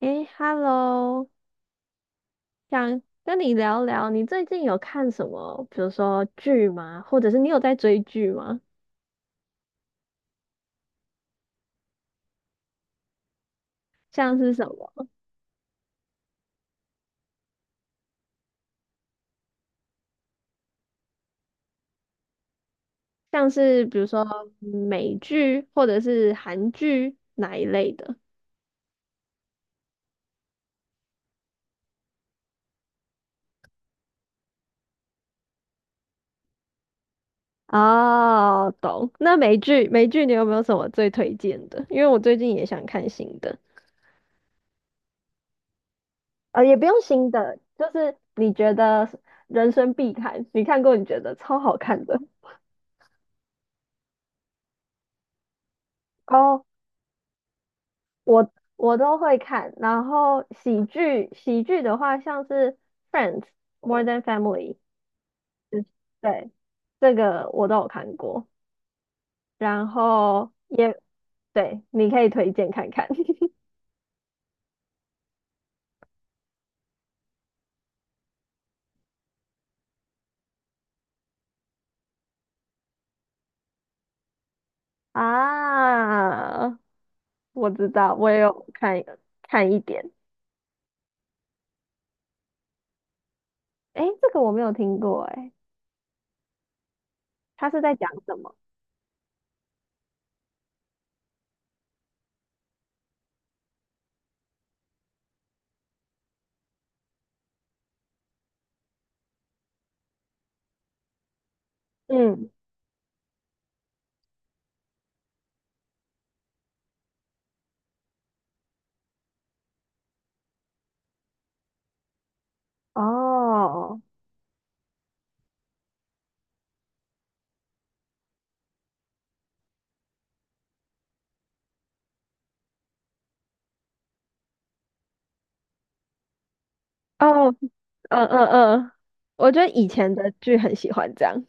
诶，Hello，想跟你聊聊，你最近有看什么，比如说剧吗？或者是你有在追剧吗？像是什么？像是比如说美剧或者是韩剧哪一类的？哦，懂。那美剧，美剧你有没有什么最推荐的？因为我最近也想看新的，也不用新的，就是你觉得人生必看，你看过你觉得超好看的。哦我都会看，然后喜剧的话，像是《Friends》《More Than Family》，就是对，这个我都有看过，然后也对，你可以推荐看看 啊。我知道，我也有看一点，诶，这个我没有听过，诶，他是在讲什么？嗯，哦哦，嗯嗯嗯，我觉得以前的剧很喜欢这样。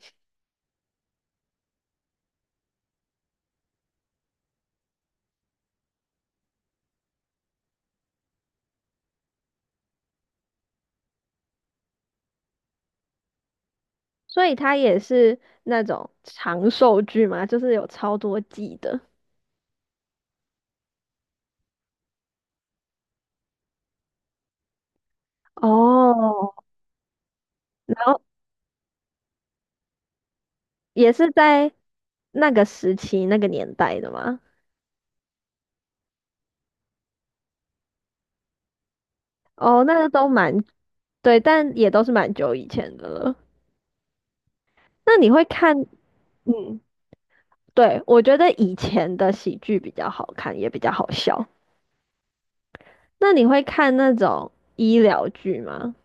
所以它也是那种长寿剧嘛，就是有超多季的，哦，然后也是在那个时期、那个年代的嘛。哦，那个都蛮，对，但也都是蛮久以前的了。那你会看，嗯，对，我觉得以前的喜剧比较好看，也比较好笑。那你会看那种医疗剧吗？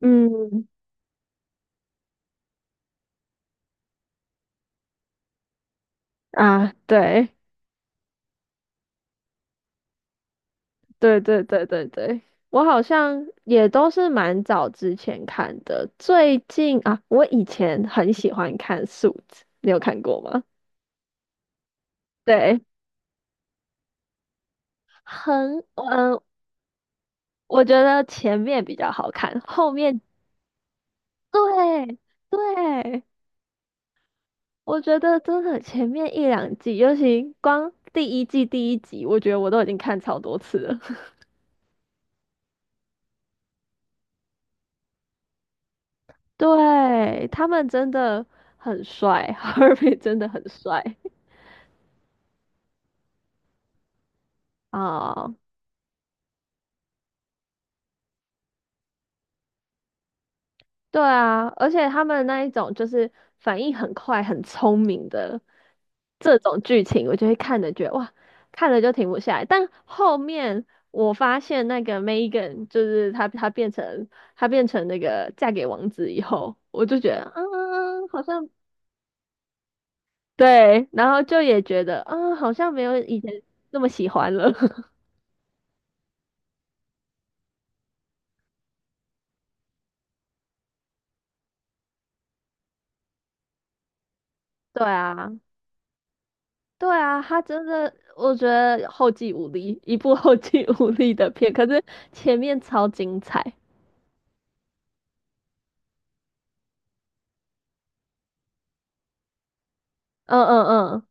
嗯，啊，对。对对对对对，我好像也都是蛮早之前看的。最近啊，我以前很喜欢看《素子》，你有看过吗？对，很嗯、呃我觉得前面比较好看，后面对对，我觉得真的前面一两季，尤其光第一季第一集，我觉得我都已经看超多次了。对，他们真的很帅，哈尔滨真的很帅啊。对啊，而且他们那一种就是反应很快、很聪明的这种剧情，我就会看着觉得哇，看了就停不下来。但后面我发现那个 Megan 就是她，她变成那个嫁给王子以后，我就觉得嗯，好像对，然后就也觉得啊嗯，好像没有以前那么喜欢了。对啊。对啊，他真的，我觉得后继无力，一部后继无力的片，可是前面超精彩。嗯嗯嗯，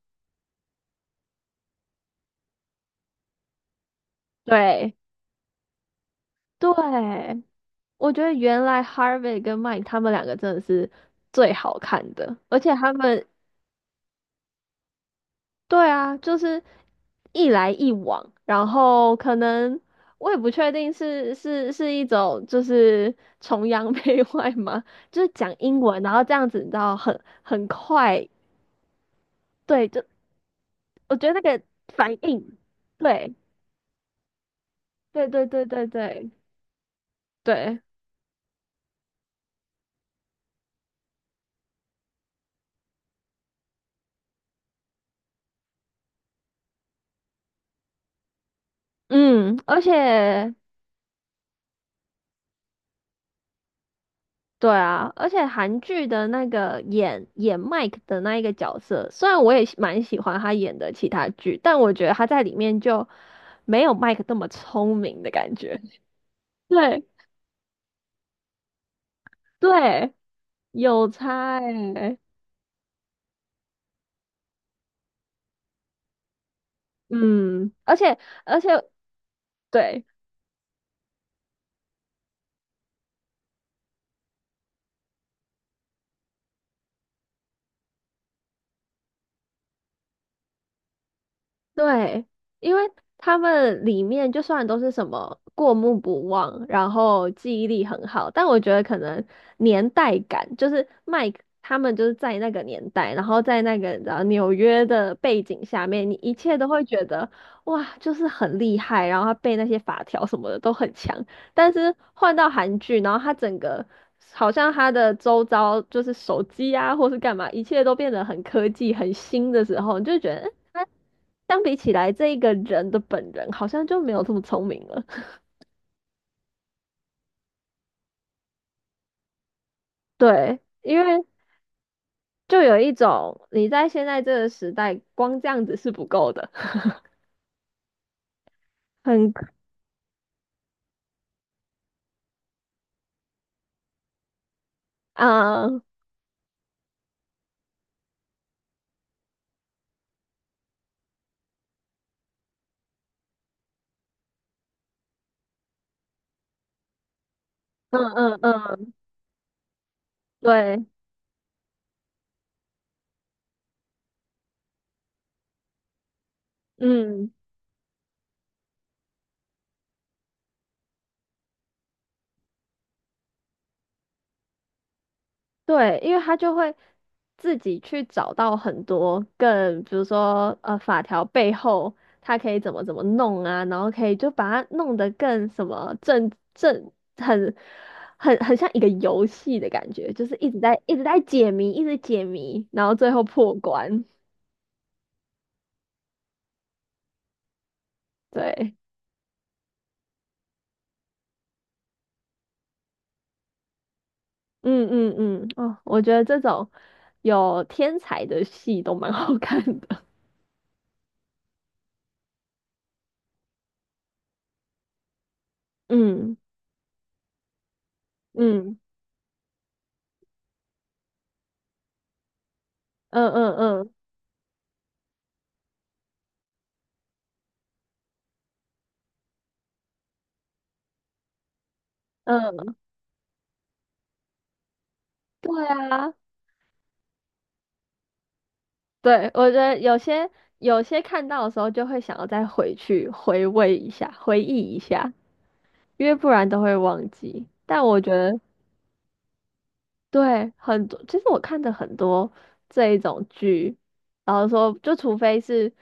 对对，我觉得原来 Harvey 跟 Mike 他们两个真的是最好看的，而且他们，对啊，就是一来一往，然后可能我也不确定是是一种就是崇洋 媚外吗？就是讲英文，然后这样子，你知道很快。对，就我觉得那个反应，对，对对对对对对，嗯，而且对啊，而且韩剧的那个演 Mike 的那一个角色，虽然我也蛮喜欢他演的其他剧，但我觉得他在里面就没有 Mike 那么聪明的感觉。对对，有差欸，嗯，而且对。对，因为他们里面就算都是什么过目不忘，然后记忆力很好，但我觉得可能年代感，就是 Mike 他们就是在那个年代，然后在那个然后纽约的背景下面，你一切都会觉得哇，就是很厉害，然后他背那些法条什么的都很强。但是换到韩剧，然后他整个好像他的周遭就是手机啊，或是干嘛，一切都变得很科技、很新的时候，你就觉得。相比起来，这一个人的本人好像就没有这么聪明了。对，因为就有一种你在现在这个时代，光这样子是不够的，很，啊，嗯嗯嗯，对，嗯。对，因为他就会自己去找到很多更，比如说法条背后他可以怎么弄啊，然后可以就把它弄得更什么很很像一个游戏的感觉，就是一直在解谜，一直解谜，然后最后破关。对，嗯嗯嗯，哦，我觉得这种有天才的戏都蛮好看的。嗯嗯嗯嗯嗯嗯，对啊。对，我觉得有些看到的时候就会想要再回去回味一下、回忆一下，因为不然都会忘记。但我觉得对很多，其实我看的很多这一种剧，然后说就除非是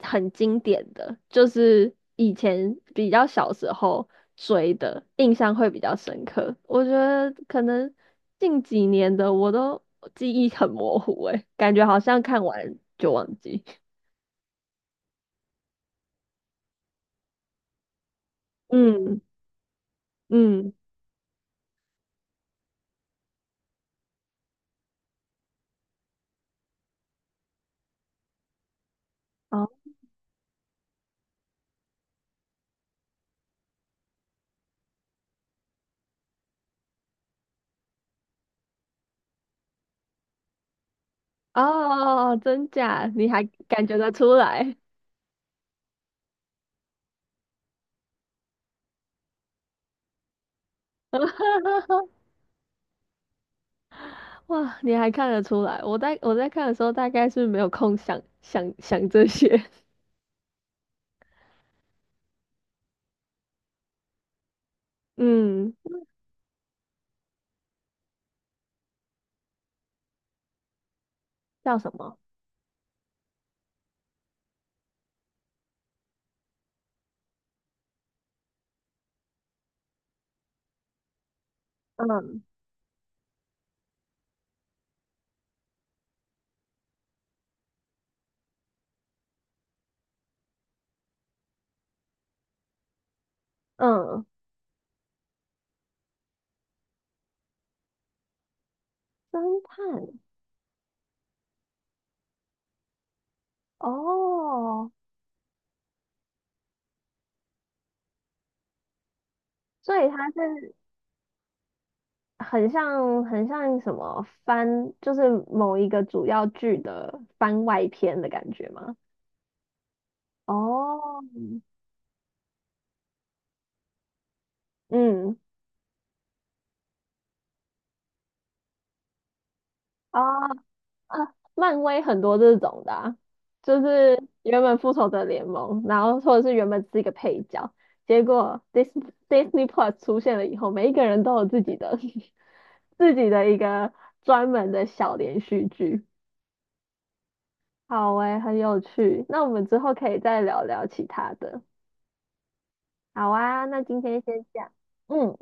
很经典的，就是以前比较小时候追的，印象会比较深刻。我觉得可能近几年的我都记忆很模糊，诶，感觉好像看完就忘记。嗯。嗯，哦哦，真假？你还感觉得出来？哇，你还看得出来？我在我在看的时候，大概是没有空想这些。嗯，叫什么？嗯嗯，侦探哦，所以它是很像很像什么番，就是某一个主要剧的番外篇的感觉吗？哦，嗯，哦啊，漫威很多这种的啊就是原本复仇者联盟，然后或者是原本是一个配角，结果 Disney Plus 出现了以后，每一个人都有自己的 自己的一个专门的小连续剧。好诶，很有趣。那我们之后可以再聊聊其他的。好啊，那今天先这样。嗯。